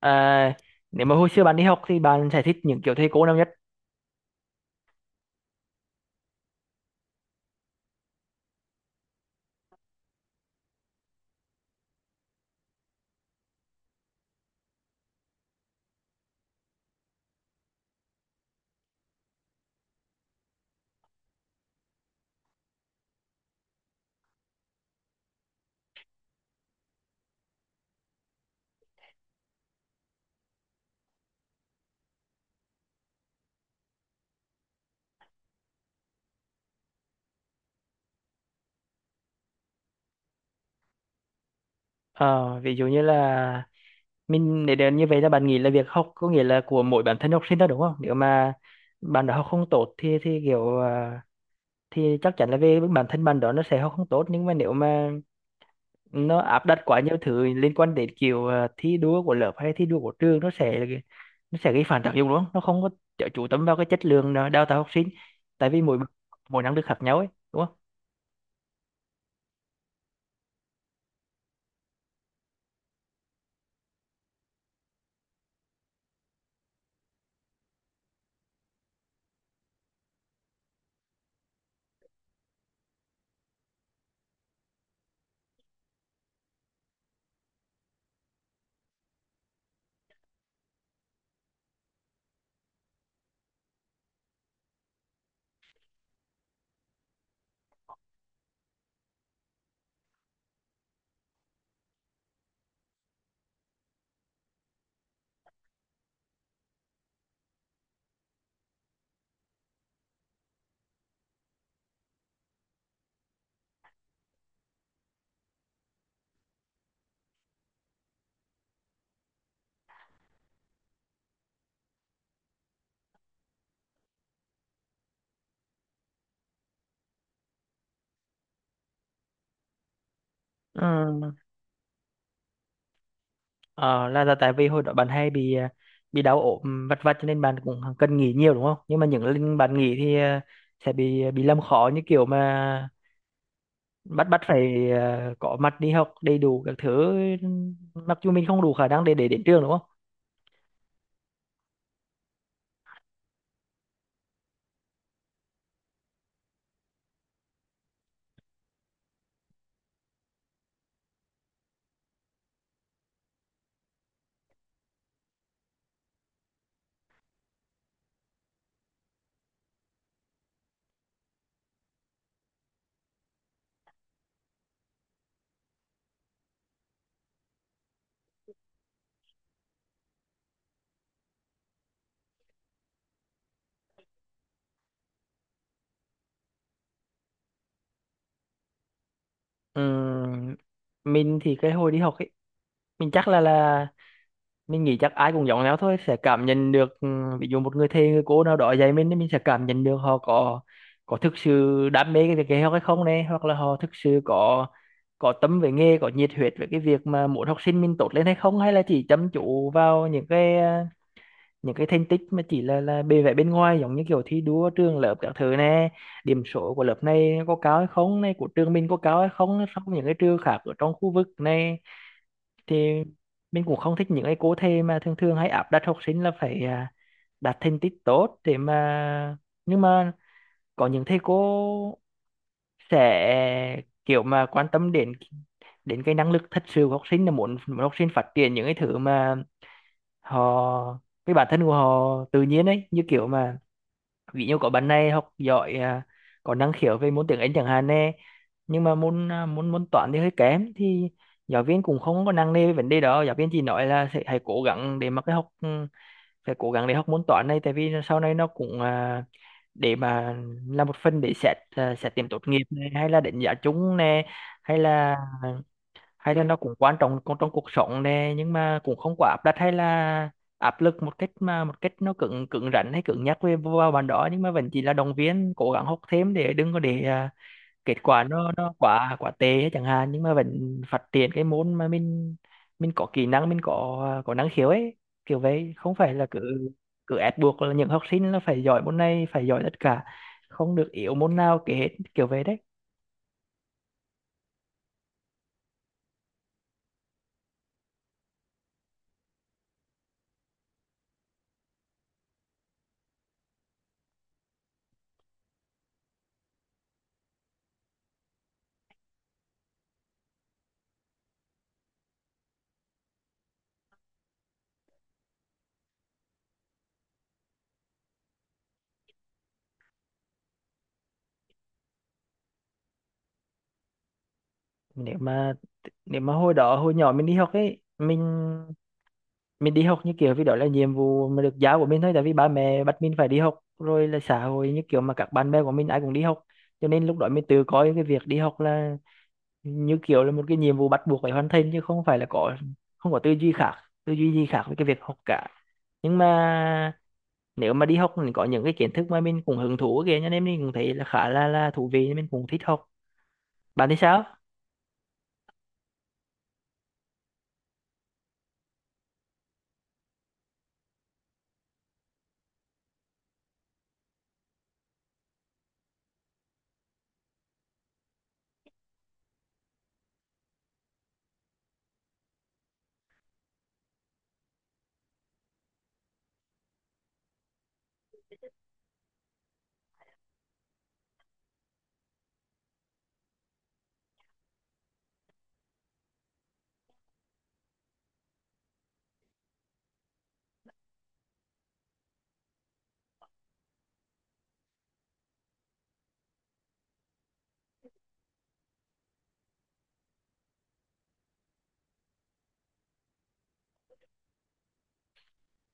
À, nếu mà hồi xưa bạn đi học thì bạn sẽ thích những kiểu thầy cô nào nhất? Ờ, ví dụ như là mình để đến như vậy là bạn nghĩ là việc học có nghĩa là của mỗi bản thân học sinh đó đúng không? Nếu mà bạn đã học không tốt thì kiểu thì chắc chắn là về bản thân bạn đó nó sẽ học không tốt, nhưng mà nếu mà nó áp đặt quá nhiều thứ liên quan đến kiểu thi đua của lớp hay thi đua của trường nó sẽ là nó sẽ gây phản tác dụng đúng không? Nó không có chú tâm vào cái chất lượng đào tạo học sinh, tại vì mỗi mỗi năng lực khác nhau ấy đúng không? Ừ. Là tại vì hồi đó bạn hay bị bị đau ốm vặt vặt, cho nên bạn cũng cần nghỉ nhiều đúng không? Nhưng mà những lần bạn nghỉ thì sẽ bị làm khó, như kiểu mà bắt bắt phải có mặt đi học đầy đủ các thứ, mặc dù mình không đủ khả năng để đến trường đúng không? Ừm, mình thì cái hồi đi học ấy, mình chắc là mình nghĩ chắc ai cũng giống nhau thôi, sẽ cảm nhận được ví dụ một người thầy người cô nào đó dạy mình thì mình sẽ cảm nhận được họ có thực sự đam mê cái việc dạy học hay không này, hoặc là họ thực sự có tâm về nghề, có nhiệt huyết về cái việc mà muốn học sinh mình tốt lên hay không, hay là chỉ chăm chú vào những cái những cái thành tích mà chỉ là bề vẻ bên ngoài, giống như kiểu thi đua trường lớp các thứ này, điểm số của lớp này có cao hay không này, của trường mình có cao hay không so với những cái trường khác ở trong khu vực này. Thì mình cũng không thích những cái cô thầy mà thường thường hay áp đặt học sinh là phải đạt thành tích tốt để mà nhưng mà có những thầy cô sẽ kiểu mà quan tâm đến đến cái năng lực thật sự của học sinh, là muốn học sinh phát triển những cái thứ mà họ cái bản thân của họ tự nhiên ấy, như kiểu mà ví dụ có bạn này học giỏi có năng khiếu về môn tiếng Anh chẳng hạn nè, nhưng mà môn à, môn môn toán thì hơi kém thì giáo viên cũng không có nặng nề về vấn đề đó, giáo viên chỉ nói là sẽ hãy cố gắng để mà cái học phải cố gắng để học môn toán này, tại vì sau này nó cũng để mà là một phần để xét xét điểm tốt nghiệp này, hay là đánh giá chung nè, hay là hay là nó cũng quan trọng con trong cuộc sống nè, nhưng mà cũng không quá áp đặt hay là áp lực một cách mà một cách nó cứng cứng rắn hay cứng nhắc về vào bạn đó, nhưng mà vẫn chỉ là động viên cố gắng học thêm để đừng có để kết quả nó quá quá tệ ấy chẳng hạn, nhưng mà vẫn phát triển cái môn mà mình có kỹ năng, mình có có năng khiếu ấy, kiểu vậy, không phải là cứ cứ ép buộc là những học sinh là phải giỏi môn này, phải giỏi tất cả, không được yếu môn nào kể hết, kiểu vậy đấy. Nếu mà nếu mà hồi đó hồi nhỏ mình đi học ấy, mình đi học như kiểu vì đó là nhiệm vụ mà được giáo của mình thôi, tại vì ba mẹ bắt mình phải đi học, rồi là xã hội như kiểu mà các bạn bè của mình ai cũng đi học, cho nên lúc đó mình tự coi cái việc đi học là như kiểu là một cái nhiệm vụ bắt buộc phải hoàn thành, chứ không phải là có không có tư duy khác, tư duy gì khác với cái việc học cả. Nhưng mà nếu mà đi học mình có những cái kiến thức mà mình cũng hứng thú kìa, cho nên mình cũng thấy là khá là thú vị, mình cũng thích học. Bạn thì sao?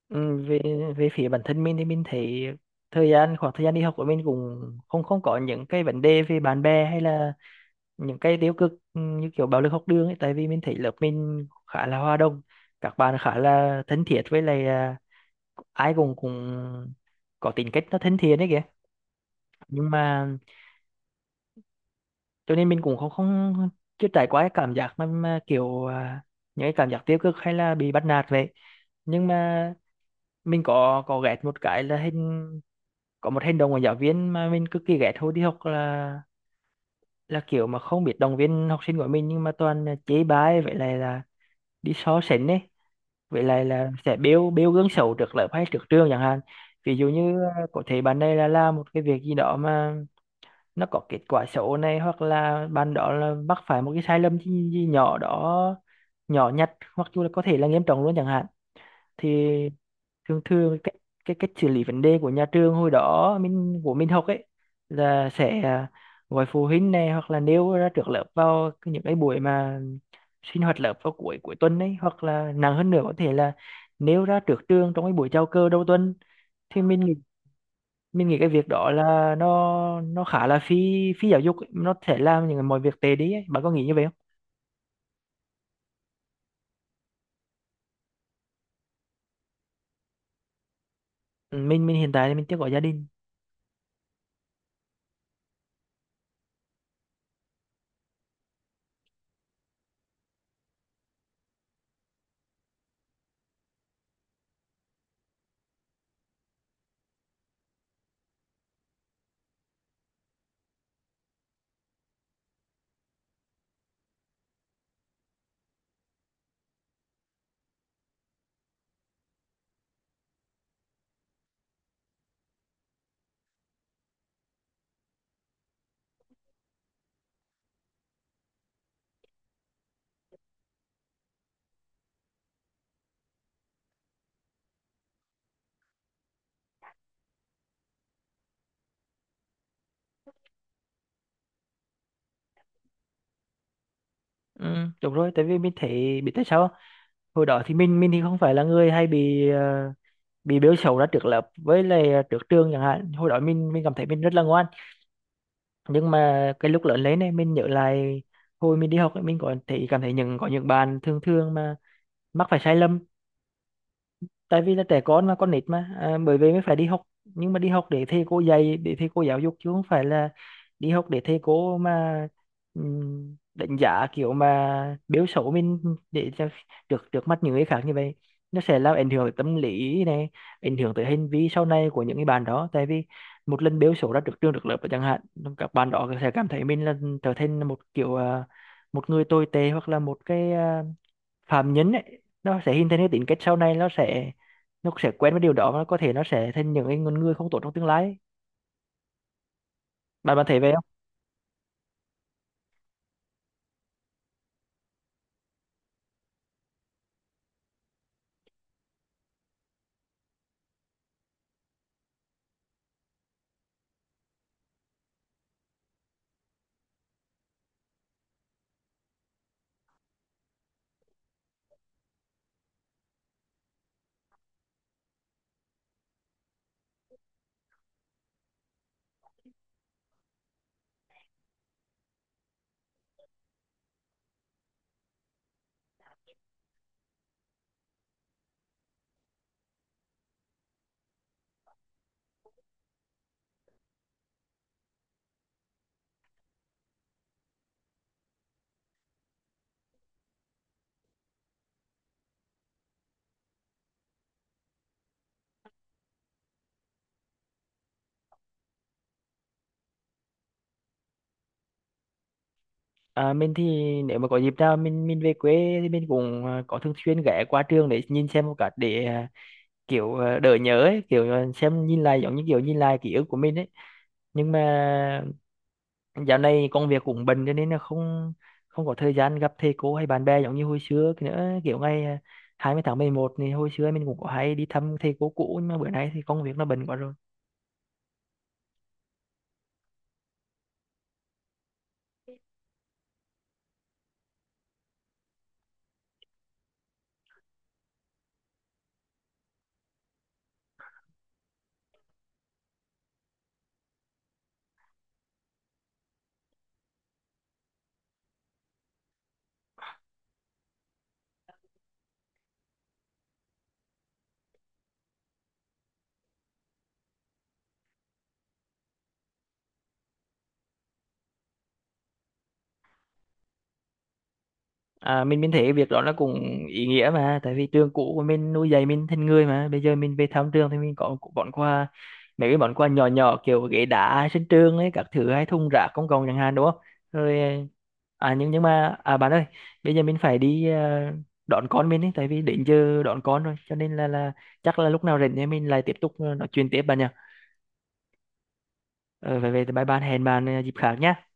Ừ, về về phía bản thân mình thì mình thấy thời gian khoảng thời gian đi học của mình cũng không không có những cái vấn đề về bạn bè hay là những cái tiêu cực như kiểu bạo lực học đường ấy, tại vì mình thấy lớp mình khá là hòa đồng, các bạn khá là thân thiết, với lại ai cũng cũng có tính cách nó thân thiện đấy kìa, nhưng mà cho nên mình cũng không không chưa trải qua cái cảm giác mà kiểu những cái cảm giác tiêu cực hay là bị bắt nạt vậy. Nhưng mà mình có ghét một cái là hình có một hành động của giáo viên mà mình cực kỳ ghét hồi đi học, là kiểu mà không biết động viên học sinh của mình, nhưng mà toàn là chế bái, vậy lại là đi so sánh ấy, vậy lại là sẽ bêu bêu gương xấu trước lớp hay trước trường chẳng hạn. Ví dụ như có thể bạn này là làm một cái việc gì đó mà nó có kết quả xấu này, hoặc là bạn đó là mắc phải một cái sai lầm gì nhỏ đó, nhỏ nhặt, hoặc là có thể là nghiêm trọng luôn chẳng hạn, thì thường thường cái cách xử lý vấn đề của nhà trường hồi đó mình của mình học ấy là sẽ gọi phụ huynh này hoặc là nêu ra trước lớp vào những cái buổi mà sinh hoạt lớp vào cuối cuối tuần ấy, hoặc là nặng hơn nữa có thể là nêu ra trước trường trong cái buổi chào cờ đầu tuần. Thì mình nghĩ cái việc đó là nó khá là phi phi giáo dục ấy, nó sẽ làm những mọi việc tệ đi ấy. Bạn có nghĩ như vậy không? Ừ, mình hiện tại thì mình chưa có gia đình. ừ, Đúng rồi, tại vì mình thấy biết tại sao không? Hồi đó thì mình thì không phải là người hay bị bị bêu xấu ra trước lớp, với lại trước trường chẳng hạn, hồi đó mình cảm thấy mình rất là ngoan, nhưng mà cái lúc lớn lên này mình nhớ lại hồi mình đi học ấy, mình có thấy cảm thấy những có những bạn thường thường mà mắc phải sai lầm tại vì là trẻ con mà con nít mà bởi vì mới phải đi học, nhưng mà đi học để thầy cô dạy, để thầy cô giáo dục, chứ không phải là đi học để thầy cô mà đánh giá kiểu mà biểu xấu mình để cho trước trước mắt những người khác. Như vậy nó sẽ làm ảnh hưởng tới tâm lý này, ảnh hưởng tới hành vi sau này của những cái bạn đó, tại vì một lần biểu xấu ra trước trường trước lớp chẳng hạn, các bạn đó sẽ cảm thấy mình là trở thành một kiểu một người tồi tệ, hoặc là một cái phạm nhân ấy, nó sẽ hình thành cái tính cách sau này, nó sẽ quen với điều đó và có thể nó sẽ thành những cái con người không tốt trong tương lai ấy. Bạn bạn thấy vậy không? Mình thì nếu mà có dịp nào mình về quê thì mình cũng có thường xuyên ghé qua trường để nhìn xem một cái để kiểu đỡ nhớ ấy, kiểu xem nhìn lại giống như kiểu nhìn lại ký ức của mình ấy, nhưng mà dạo này công việc cũng bận cho nên là không không có thời gian gặp thầy cô hay bạn bè giống như hồi xưa cái nữa, kiểu ngày 20 tháng mười một thì hồi xưa mình cũng có hay đi thăm thầy cô cũ, nhưng mà bữa nay thì công việc nó bận quá rồi. À, mình thấy cái việc đó nó cũng ý nghĩa mà, tại vì trường cũ của mình nuôi dạy mình thành người, mà bây giờ mình về thăm trường thì mình có bọn quà, mấy cái món quà nhỏ nhỏ, kiểu ghế đá sân trường ấy các thứ, hay thùng rác công cộng chẳng hạn, đúng không? Rồi. À, nhưng mà bạn ơi, bây giờ mình phải đi đón con mình ấy, tại vì đến giờ đón con rồi, cho nên là chắc là lúc nào rảnh thì mình lại tiếp tục nói chuyện tiếp bạn nhỉ. Ờ Về vậy thì bye bye, hẹn bạn dịp khác nhá.